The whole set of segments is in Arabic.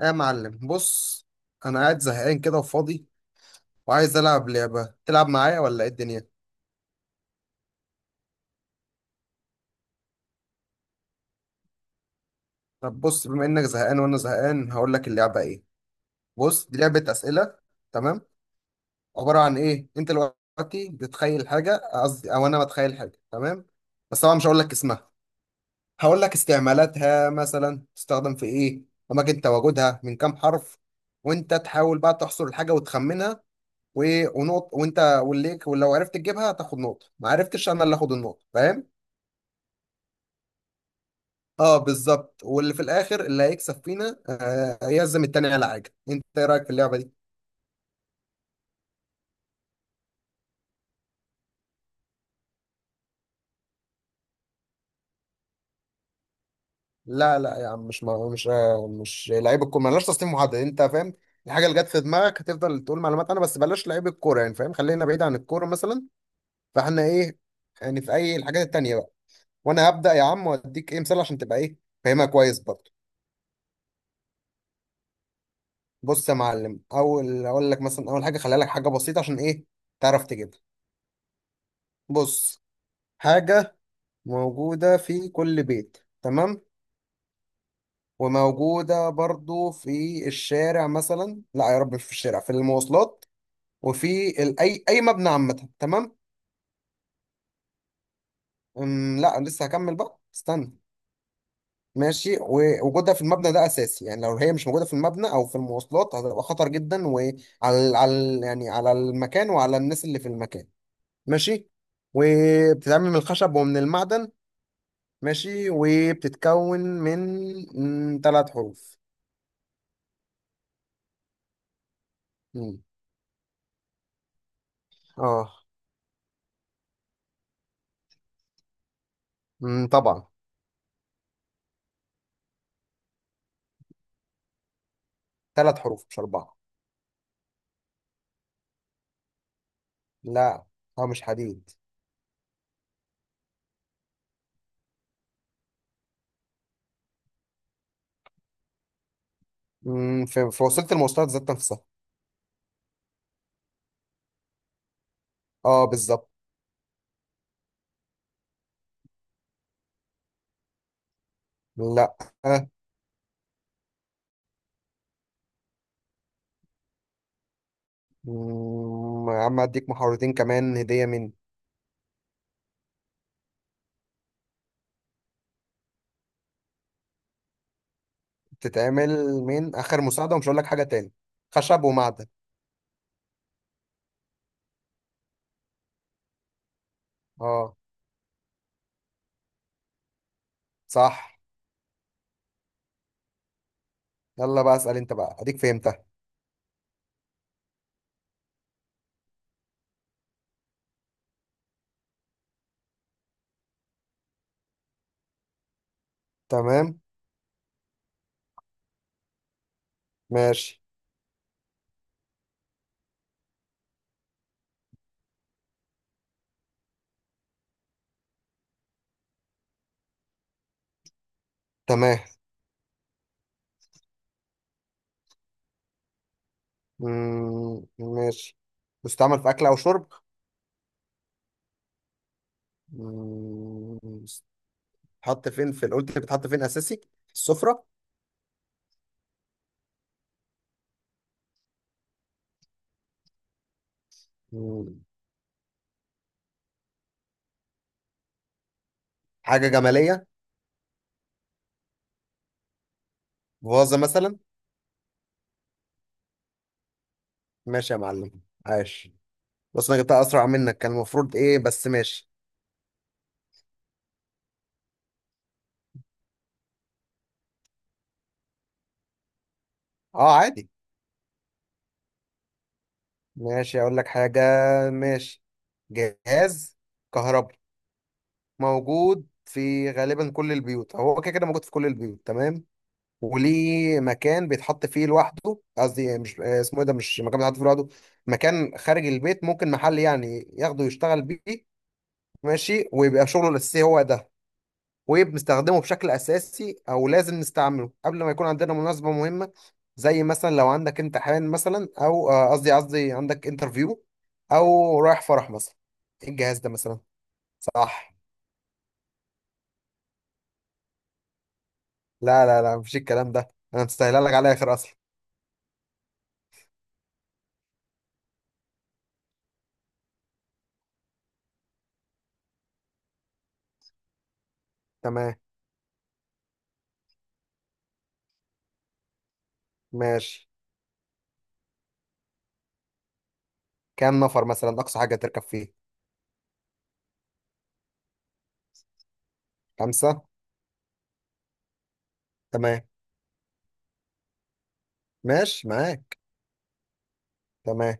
يا معلم بص. انا قاعد زهقان كده وفاضي، وعايز العب لعبه تلعب معايا ولا ايه الدنيا؟ طب بص، بما انك زهقان وانا زهقان هقول لك اللعبه ايه. بص، دي لعبه اسئله، تمام؟ عباره عن ايه؟ انت دلوقتي بتتخيل حاجه، قصدي او انا بتخيل حاجه، تمام. بس طبعا مش هقول لك اسمها، هقول لك استعمالاتها، مثلا تستخدم في ايه، اماكن تواجدها، من كام حرف، وانت تحاول بقى تحصر الحاجه وتخمنها. ونقط وانت والليك، ولو عرفت تجيبها تاخد نقطه، ما عرفتش انا اللي اخد النقطه. فاهم؟ اه بالظبط. واللي في الاخر اللي هيكسب فينا يعزم التاني على حاجه. انت ايه رايك في اللعبه دي؟ لا لا يا عم، مش ما مش آه، مش لعيب الكوره، مالناش تصنيف محدد، انت فاهم؟ الحاجه اللي جت في دماغك هتفضل تقول معلومات، انا بس بلاش لعيب الكوره يعني، فاهم؟ خلينا بعيد عن الكوره مثلا. فاحنا ايه يعني في اي الحاجات التانيه بقى؟ وانا هبدا يا عم واديك ايه مثال عشان تبقى ايه فاهمها كويس برضه. بص يا معلم، اول اقول لك مثلا اول حاجه خليها لك حاجه بسيطه عشان ايه تعرف تجيبها. بص، حاجه موجوده في كل بيت، تمام. وموجودة برضو في الشارع، مثلا لا يا رب، مش في الشارع، في المواصلات، وفي أي مبنى عامة، تمام. لا لسه هكمل بقى، استنى. ماشي. ووجودها في المبنى ده أساسي، يعني لو هي مش موجودة في المبنى أو في المواصلات هتبقى خطر جدا، وعلى على يعني على المكان وعلى الناس اللي في المكان. ماشي. وبتتعمل من الخشب ومن المعدن. ماشي، وبتتكون من 3 حروف. مم. اه. مم، طبعا. 3 حروف مش 4. لا. اه مش حديد. في وسيلة المواصلات ذات نفسها. اه بالظبط. لا. يا عم اديك محاورتين كمان هدية من بتتعمل من اخر مساعدة، ومش هقول لك حاجة تاني، خشب ومعدن. اه. صح. يلا بقى اسأل انت بقى، اديك فهمتها. تمام. ماشي. تمام. مم، ماشي. بتستعمل في اكل او شرب؟ مم، بتتحط فين، في قلت بتتحط فين اساسي، السفرة. مم، حاجة جمالية. فازة مثلا. ماشي يا معلم، عاش. بس انا جبتها اسرع منك، كان المفروض ايه، بس ماشي. اه عادي. ماشي، اقول لك حاجة. ماشي. جهاز كهرباء موجود في غالبا كل البيوت، هو كده كده موجود في كل البيوت، تمام. وليه مكان بيتحط فيه لوحده، قصدي مش اسمه ايه ده، مش مكان بيتحط فيه لوحده، مكان خارج البيت ممكن محل يعني ياخده يشتغل بيه. ماشي، ويبقى شغله الاساسي هو ده. وبنستخدمه بشكل أساسي أو لازم نستعمله قبل ما يكون عندنا مناسبة مهمة، زي مثلا لو عندك امتحان مثلا، أو قصدي عندك انترفيو، أو رايح فرح مثلا. إيه الجهاز ده مثلا؟ صح. لا لا لا، مفيش الكلام ده، أنا مستاهلها لك على الآخر أصلا. تمام. ماشي. كام نفر مثلا أقصى حاجة تركب فيه؟ 5. تمام. ماشي معاك. تمام.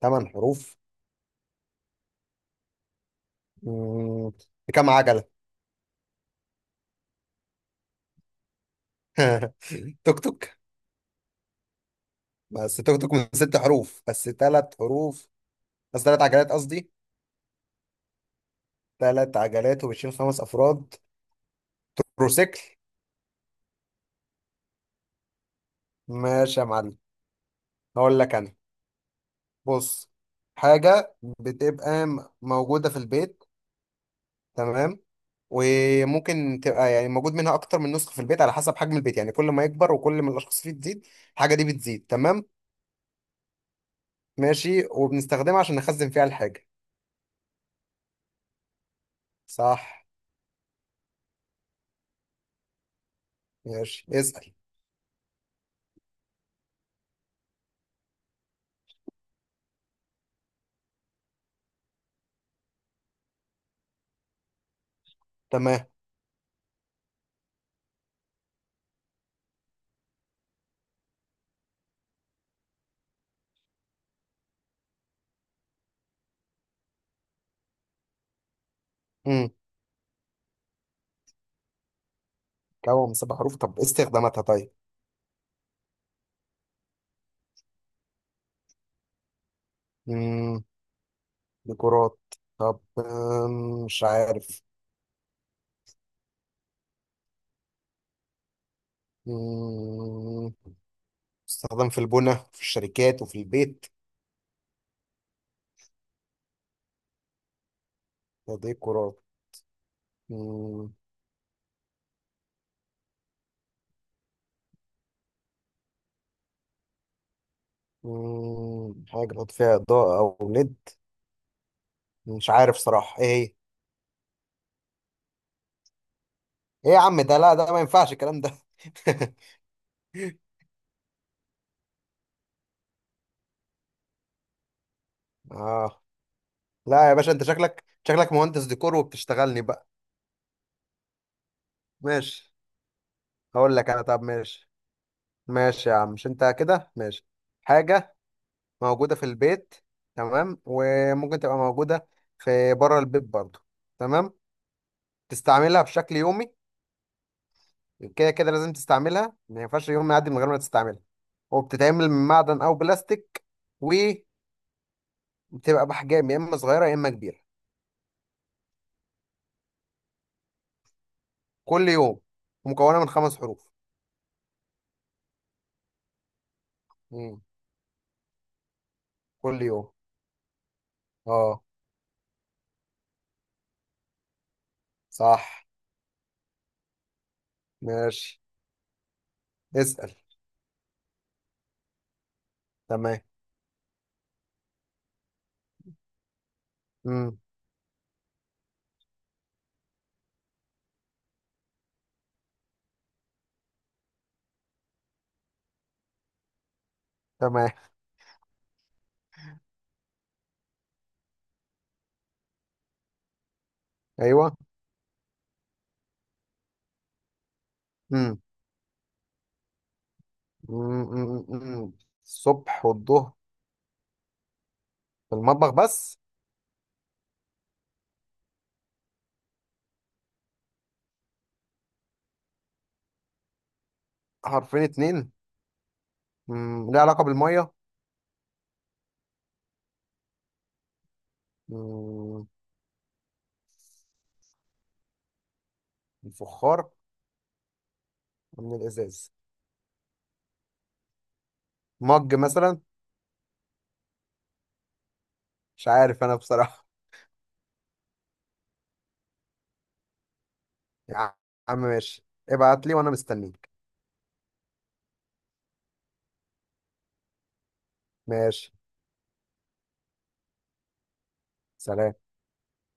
8 حروف. مم. بكام عجلة؟ توك توك. بس توك توك من 6 حروف، بس 3 حروف، بس 3 عجلات قصدي. 3 عجلات وبتشيل 5 افراد. بروسيكل. ماشي يا معلم. هقول لك انا. بص. حاجه بتبقى موجوده في البيت، تمام. وممكن تبقى يعني موجود منها اكتر من نسخه في البيت على حسب حجم البيت، يعني كل ما يكبر وكل ما الاشخاص فيه تزيد الحاجه دي بتزيد، تمام. ماشي. وبنستخدمها عشان نخزن فيها الحاجه. صح. ماشي، اسال. تمام. امم كوم 7 حروف، طب إيه استخداماتها طيب؟ امم ديكورات. طب مش عارف. مم. استخدام في البنى في الشركات وفي البيت. تضييق القرار. مم. مم. حاجة بحط فيها إضاءة أو ليد. مش عارف صراحة إيه. هي إيه يا عم ده، لا ده ما ينفعش الكلام ده. آه. لا يا باشا، أنت شكلك مهندس ديكور وبتشتغلني بقى. ماشي. هقول لك أنا، طب ماشي. ماشي يا عم، مش أنت كده ماشي. حاجة موجودة في البيت، تمام. وممكن تبقى موجودة في بره البيت برضه، تمام. تستعملها بشكل يومي، كده كده لازم تستعملها، ما ينفعش يوم ما يعدي من غير ما تستعملها. وبتتعمل من معدن او بلاستيك، وبتبقى باحجام يا اما صغيره يا اما كبيره. كل يوم. ومكونه من 5 حروف. مم. كل يوم. اه. صح. ماشي. اسال. تمام. مم. تمام. ايوه. مم. مم. مم. مم. الصبح والظهر. في المطبخ بس. حرفين 2. مم. ليه علاقه بالميه؟ مم. الفخار. من الازاز. مج مثلا. مش عارف انا بصراحة. يا عم ماشي، ابعت لي وانا مستنيك. ماشي. سلام.